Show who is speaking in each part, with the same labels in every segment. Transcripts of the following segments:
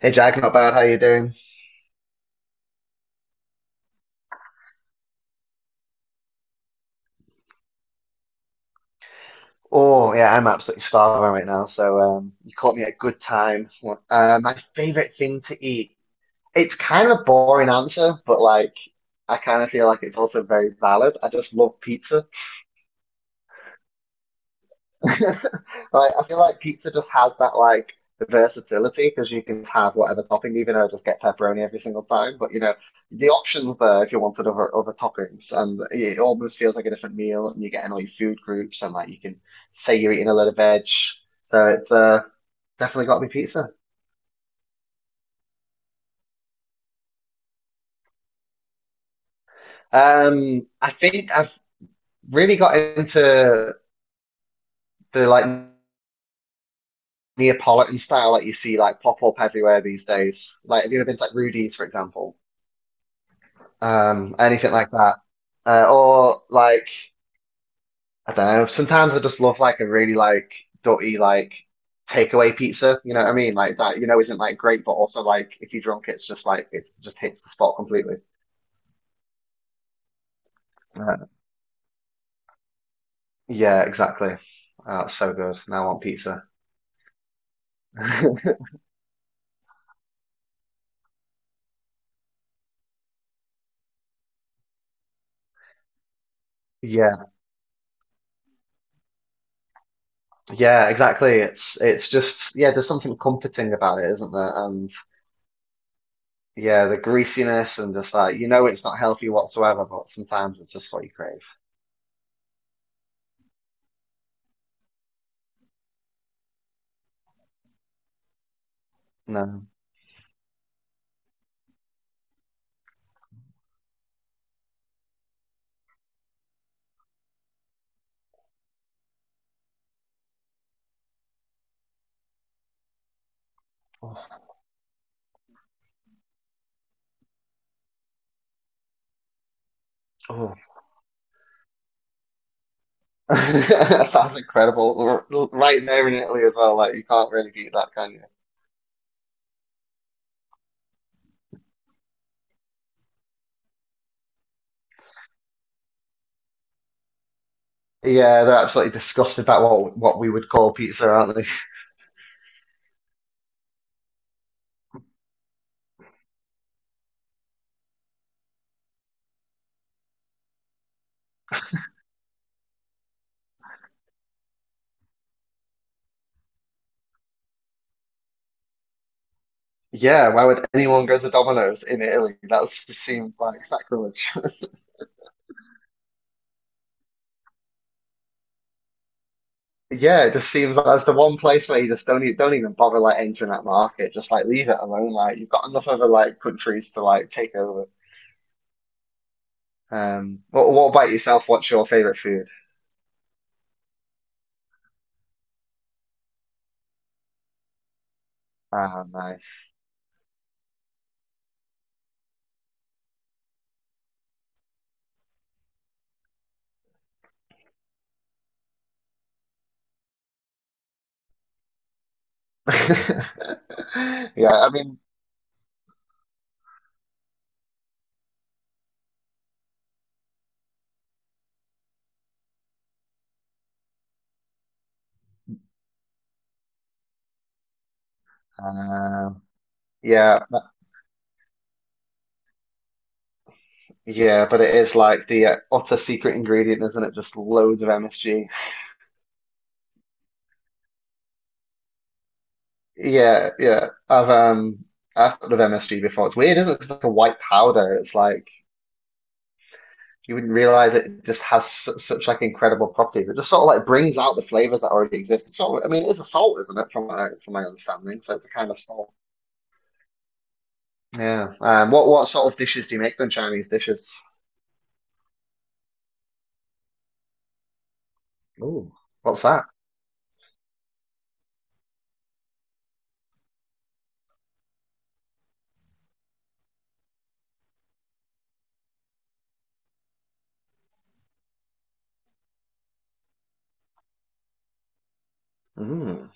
Speaker 1: Hey Jack, not bad. How you doing? Oh yeah, I'm absolutely starving right now. So you caught me at a good time. My favorite thing to eat. It's kind of a boring answer, but like I kind of feel like it's also very valid. I just love pizza. Like, I feel like pizza just has that like versatility because you can have whatever topping, even though just get pepperoni every single time. But you know, the options there if you wanted other toppings, and it almost feels like a different meal, and you're getting all your food groups, and like you can say you're eating a lot of veg. So it's Definitely got to be pizza. I think I've really got into the like Neapolitan style that you see like pop up everywhere these days. Like, have you ever been to like Rudy's, for example? Anything like that. Or like I don't know. Sometimes I just love like a really like dirty like takeaway pizza. You know what I mean? Like that. You know, isn't like great, but also like if you're drunk, it's just like it just hits the spot completely. Uh, yeah, exactly. Oh, it's so good. Now I want pizza. Yeah, yeah, exactly. It's just yeah. There's something comforting about it, isn't there? And yeah, the greasiness and just like you know, it's not healthy whatsoever, but sometimes it's just what you crave. No. Oh, oh. That sounds incredible. Right there in Italy as well, like you can't really beat that, can you? Yeah, they're absolutely disgusted about what we would call pizza, aren't they? Yeah, why would anyone go to Domino's in Italy? That just seems like sacrilege. Yeah, it just seems like that's the one place where you just don't even bother like entering that market. Just like leave it alone. Like you've got enough other like countries to like take over. What about yourself? What's your favorite food? Ah, nice. Yeah, I mean. Um. Yeah, but- yeah, but it is like the utter secret ingredient, isn't it? Just loads of MSG. Yeah, yeah. I've heard of MSG before. It's weird, isn't it? It's like a white powder. It's like you wouldn't realize it just has su such like incredible properties. It just sort of like brings out the flavors that already exist. It's sort of, I mean, it's a salt, isn't it? From my understanding, so it's a kind of salt. Yeah. What sort of dishes do you make then? Chinese dishes? Ooh, what's that? Mm.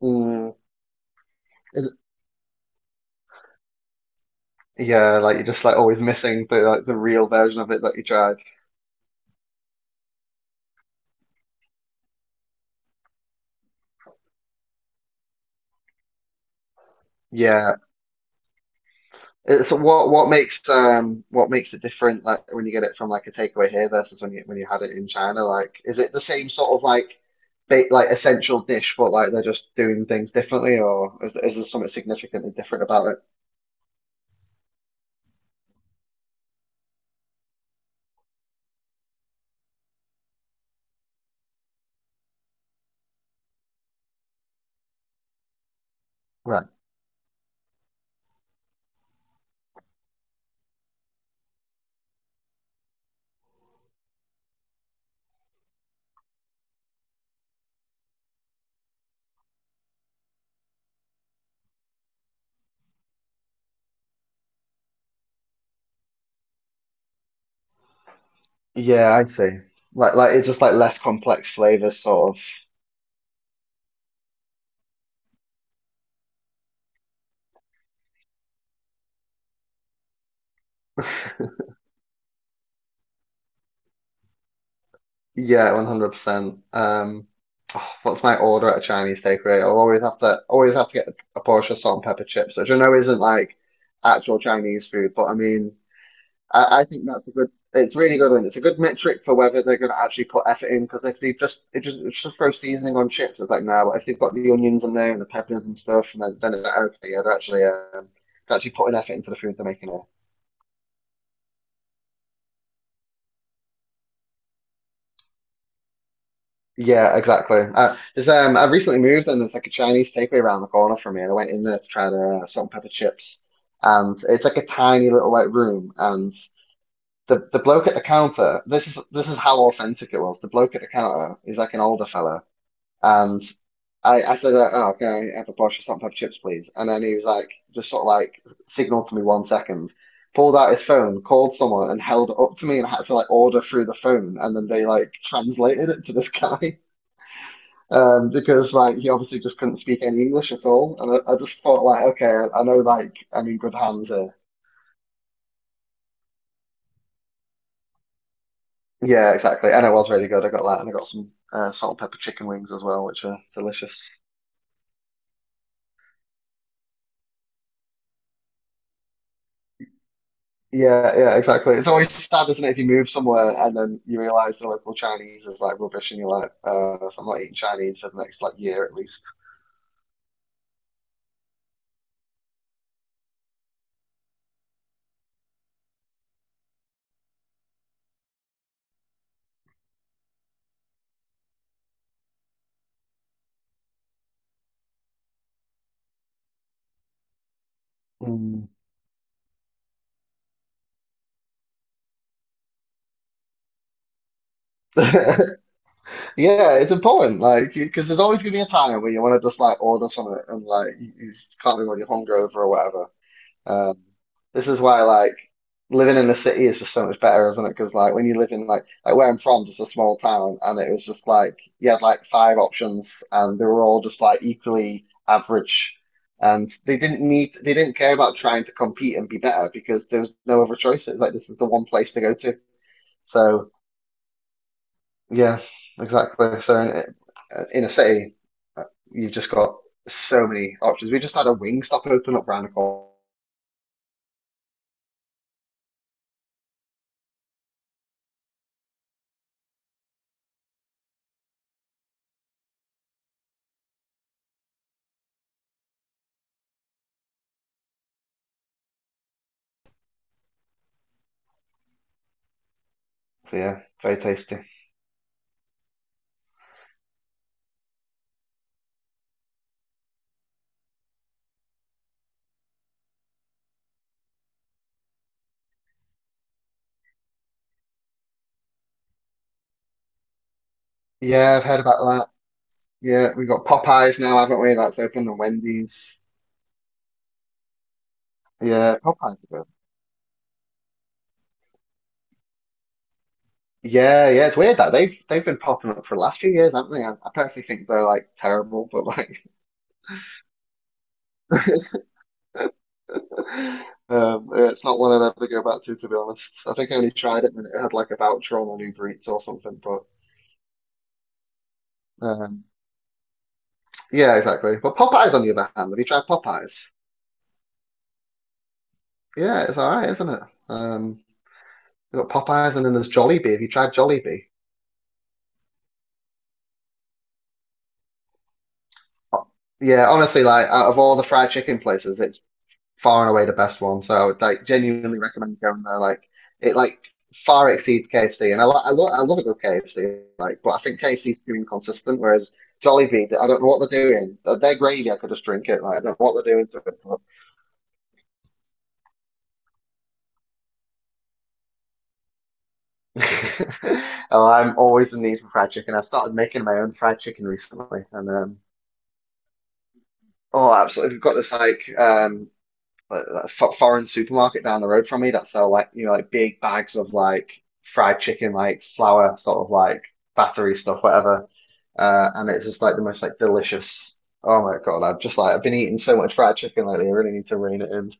Speaker 1: Mm. Yeah, like you're just like always missing the like the real version of it that you tried. Yeah. It's what makes what makes it different like when you get it from like a takeaway here versus when you had it in China? Like is it the same sort of like ba like essential dish but like they're just doing things differently or is there something significantly different about it? Right. Yeah, I see. Like it's just like less complex flavors sort of. Yeah, 100%. Oh, what's my order at a Chinese takeaway? I'll always have to get a portion of salt and pepper chips, which I know isn't like actual Chinese food, but I mean, I think that's a good. It's really good, and it's a good metric for whether they're going to actually put effort in. Because if they just it just it's just throw seasoning on chips, it's like no. But if they've got the onions in there and the peppers and stuff, and then it's like, okay, yeah, they're actually putting effort into the food they're making. Yeah, exactly. There's I recently moved and there's like a Chinese takeaway around the corner from me, and I went in there to try the salt and pepper chips, and it's like a tiny little like room, and the bloke at the counter. This is how authentic it was. The bloke at the counter is like an older fella, and I said, like, "Oh, can I have a box of salt and pepper chips, please?" And then he was like, just sort of like signaled to me one second, pulled out his phone, called someone, and held it up to me, and I had to like order through the phone, and then they like translated it to this guy because like he obviously just couldn't speak any English at all, and I just thought like, okay, I know like I'm in good hands here. Yeah, exactly, and it was really good. I got that, and I got some salt and pepper chicken wings as well, which are delicious. Yeah, yeah, exactly. It's always sad, isn't it, if you move somewhere and then you realize the local Chinese is like rubbish, and you're like, so I'm not eating Chinese for the next like year at least. Mm. Yeah, it's important, like, because there's always gonna be a time where you want to just like order something and like you just can't be when you're hungover or whatever. Um, this is why like living in the city is just so much better, isn't it? Because like when you live in like where I'm from, just a small town, and it was just like you had like five options, and they were all just like equally average, and they didn't care about trying to compete and be better because there was no other choice. It was like this is the one place to go to. So yeah, exactly. In a city, uh, you've just got so many options. We just had a wing stop open up round the corner. So yeah, very tasty. Yeah, I've heard about that. Yeah, we've got Popeyes now, haven't we? That's open and Wendy's. Yeah, Popeyes are good. Yeah, yeah, it's weird that they've been popping up for the last few years, haven't they? I personally think they're like terrible, but like yeah, it's not one I'd ever go back to be honest. I think I only tried it when it had like a voucher on an Uber Eats or something, but um yeah, exactly. But Popeyes on the other hand, have you tried Popeyes? Yeah, it's all right, isn't it? Um we've got Popeyes and then there's Jollibee. Have you tried Jollibee? Yeah, honestly, like out of all the fried chicken places, it's far and away the best one. So I would like genuinely recommend going there. Like it like far exceeds KFC, and I love a good KFC. Like, but I think KFC's too inconsistent. Whereas Jollibee, I don't know what they're doing. Their gravy, I could just drink it. Like, I don't know what they're doing to it. But oh, I'm always in need for fried chicken. I started making my own fried chicken recently, and oh, absolutely, we've got this like. Like, foreign supermarket down the road from me that sell like you know like big bags of like fried chicken, like flour sort of like battery stuff, whatever. And it's just like the most like delicious. Oh my God, I'm just like I've been eating so much fried chicken lately. I really need to rein it in.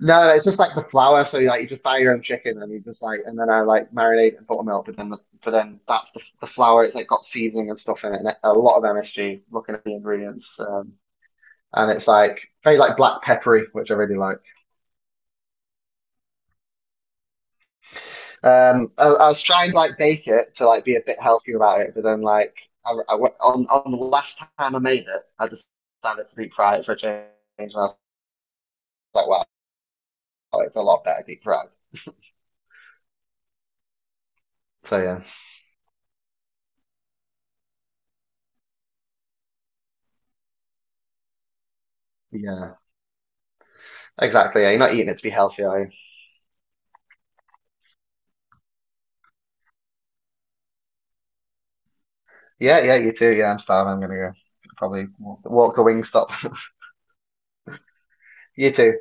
Speaker 1: No, no, it's just like the flour. So you like you just buy your own chicken and you just like and then I like marinate and buttermilk, but then but then that's the flour. It's like got seasoning and stuff in it, and a lot of MSG. Looking at the ingredients, and it's like very like black peppery, which I really like. I was trying to like bake it to like be a bit healthier about it, but then like on the last time I made it, I decided to deep fry it for a change, and I was like, wow, it's a lot better deep fried. So yeah, yeah, exactly. Yeah, you're not eating it to be healthy, are you? Yeah, yeah, you too. Yeah, I'm starving. I'm gonna go probably walk to Wingstop. You too.